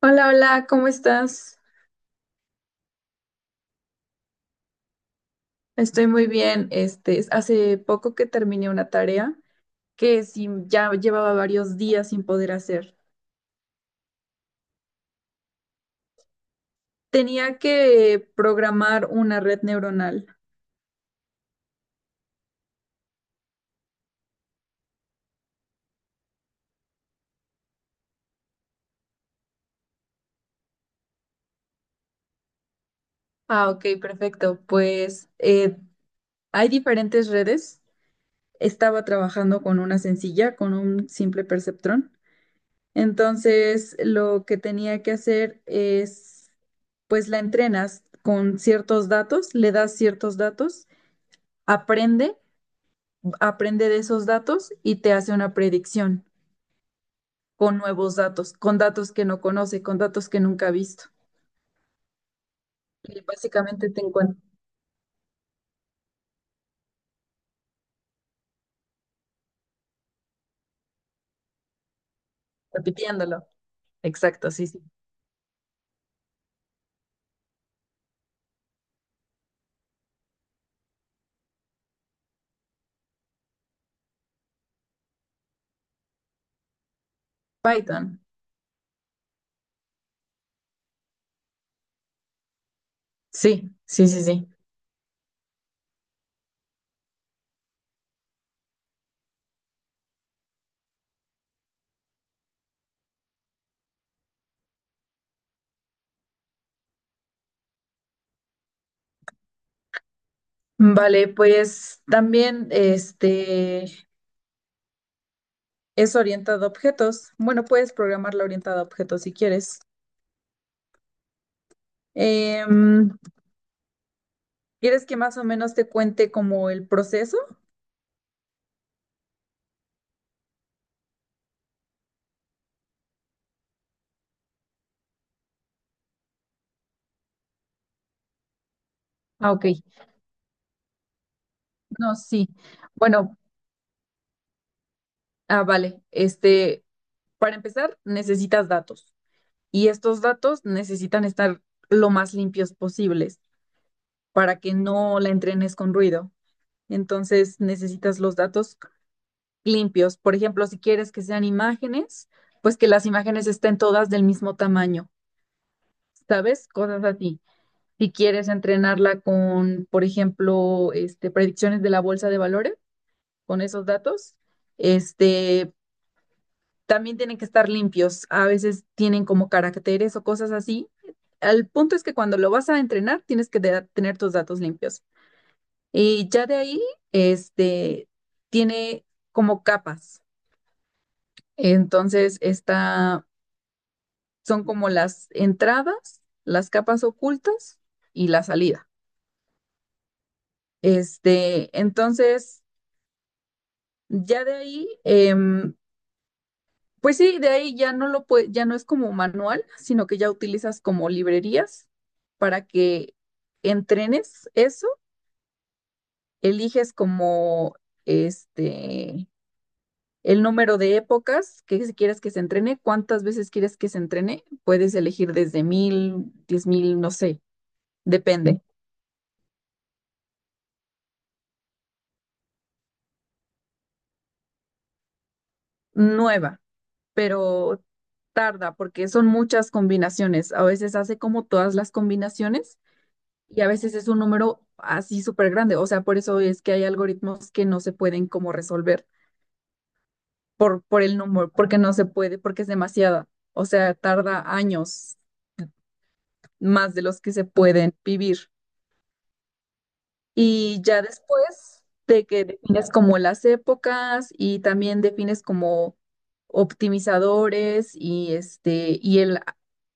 Hola, hola, ¿cómo estás? Estoy muy bien. Hace poco que terminé una tarea que sí ya llevaba varios días sin poder hacer. Tenía que programar una red neuronal. Ah, ok, perfecto. Pues hay diferentes redes. Estaba trabajando con una sencilla, con un simple perceptrón. Entonces, lo que tenía que hacer es, pues la entrenas con ciertos datos, le das ciertos datos, aprende aprende de esos datos y te hace una predicción con nuevos datos, con datos que no conoce, con datos que nunca ha visto. Y básicamente te encuentro repitiéndolo. Exacto, sí, sí. Python. Sí, sí, sí, sí. Vale, pues también es orientado a objetos. Bueno, puedes programarla orientada a objetos si quieres. Em, ¿Quieres que más o menos te cuente como el proceso? Ah, ok. No, sí. Bueno, vale. Para empezar, necesitas datos, y estos datos necesitan estar lo más limpios posibles para que no la entrenes con ruido. Entonces necesitas los datos limpios. Por ejemplo, si quieres que sean imágenes, pues que las imágenes estén todas del mismo tamaño, ¿sabes? Cosas así. Si quieres entrenarla con, por ejemplo, predicciones de la bolsa de valores, con esos datos, este, también tienen que estar limpios. A veces tienen como caracteres o cosas así. El punto es que cuando lo vas a entrenar, tienes que tener tus datos limpios. Y ya de ahí, este, tiene como capas. Entonces, esta son como las entradas, las capas ocultas y la salida. Entonces, ya de ahí, pues sí, de ahí ya no es como manual, sino que ya utilizas como librerías para que entrenes eso, eliges como este el número de épocas que si quieres que se entrene, cuántas veces quieres que se entrene, puedes elegir desde 1000, 10.000, no sé, depende. Nueva, pero tarda porque son muchas combinaciones. A veces hace como todas las combinaciones y a veces es un número así súper grande. O sea, por eso es que hay algoritmos que no se pueden como resolver por el número, porque no se puede, porque es demasiada. O sea, tarda años más de los que se pueden vivir. Y ya después de que defines como las épocas y también defines como optimizadores y este y el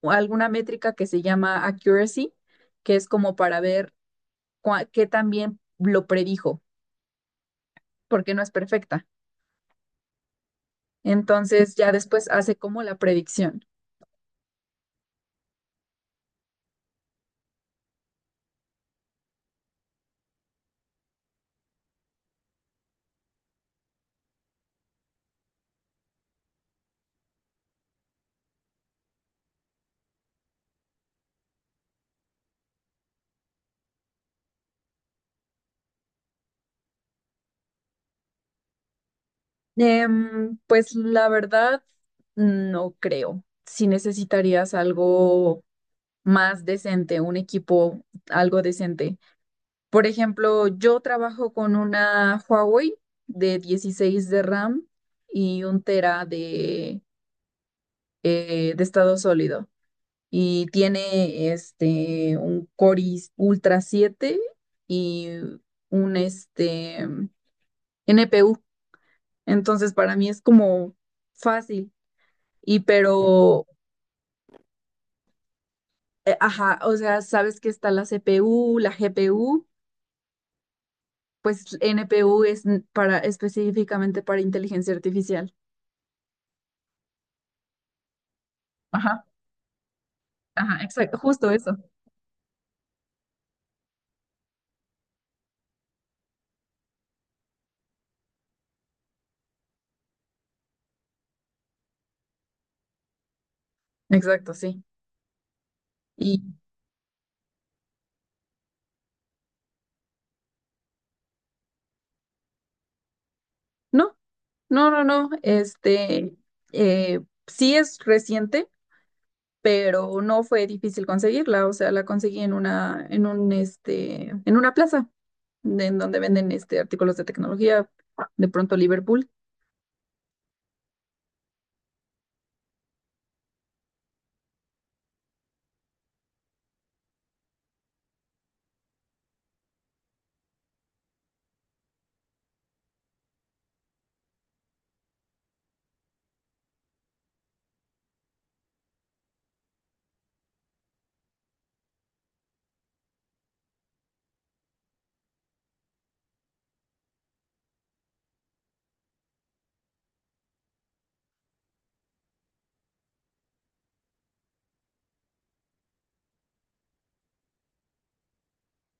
alguna métrica que se llama accuracy, que es como para ver qué también lo predijo, porque no es perfecta. Entonces ya después hace como la predicción. Pues la verdad, no creo. Si necesitarías algo más decente, un equipo algo decente. Por ejemplo, yo trabajo con una Huawei de 16 de RAM y un tera de estado sólido. Y tiene un Core i Ultra 7 y un NPU. Entonces, para mí es como fácil. Y pero, ajá, o sea, sabes que está la CPU, la GPU, pues NPU es para, específicamente para inteligencia artificial. Ajá, exacto, justo eso. Exacto, sí. Y no, no, no, no, eh, sí es reciente, pero no fue difícil conseguirla, o sea, la conseguí en una, en un, en una plaza en donde venden, artículos de tecnología, de pronto Liverpool.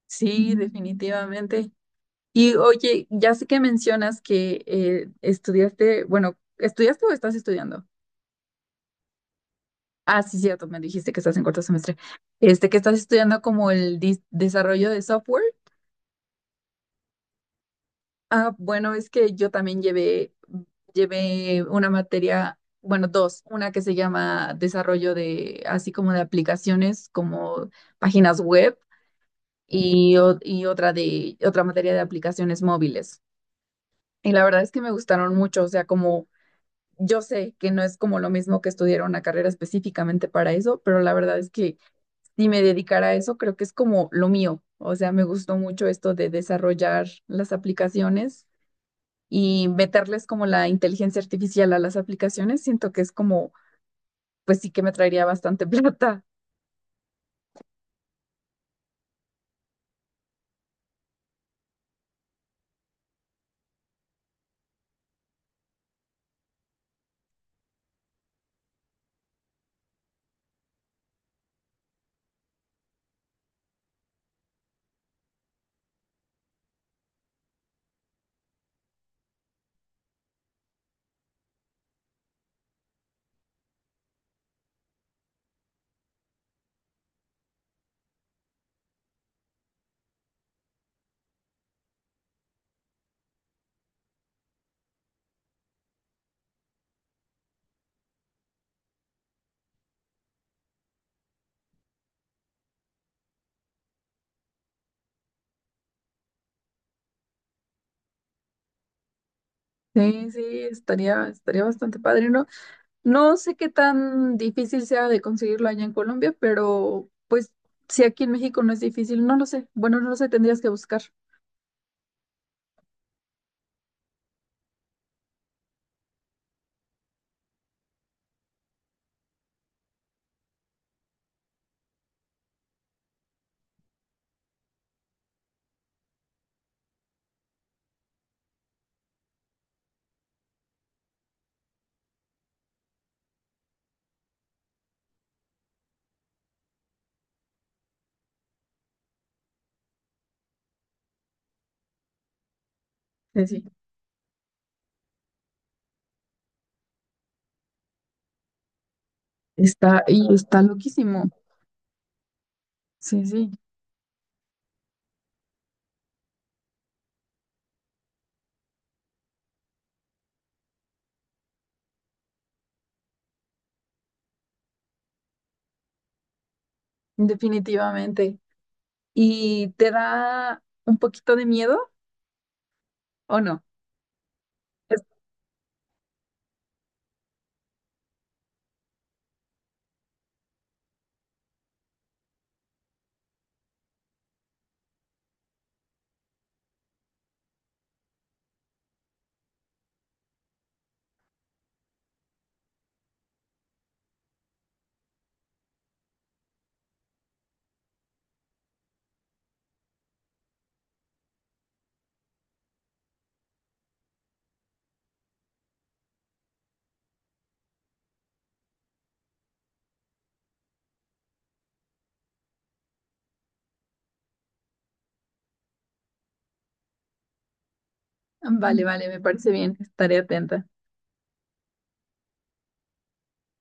Sí, definitivamente. Y oye, ya sé que mencionas que estudiaste, bueno, ¿estudiaste o estás estudiando? Ah, sí, cierto, me dijiste que estás en cuarto semestre. Que estás estudiando como el desarrollo de software. Ah, bueno, es que yo también llevé una materia, bueno, dos, una que se llama desarrollo de, así como de aplicaciones, como páginas web, y otra de, otra materia de aplicaciones móviles. Y la verdad es que me gustaron mucho, o sea, como yo sé que no es como lo mismo que estudiar una carrera específicamente para eso, pero la verdad es que si me dedicara a eso, creo que es como lo mío. O sea, me gustó mucho esto de desarrollar las aplicaciones y meterles como la inteligencia artificial a las aplicaciones. Siento que es como, pues sí que me traería bastante plata. Sí, sí, estaría bastante padre, ¿no? No sé qué tan difícil sea de conseguirlo allá en Colombia, pero pues si aquí en México no es difícil, no lo sé. Bueno, no lo sé, tendrías que buscar. Sí, sí. Está loquísimo. Sí, sí, definitivamente. ¿Y te da un poquito de miedo o no? Es- Vale, vale, me parece bien, estaré atenta.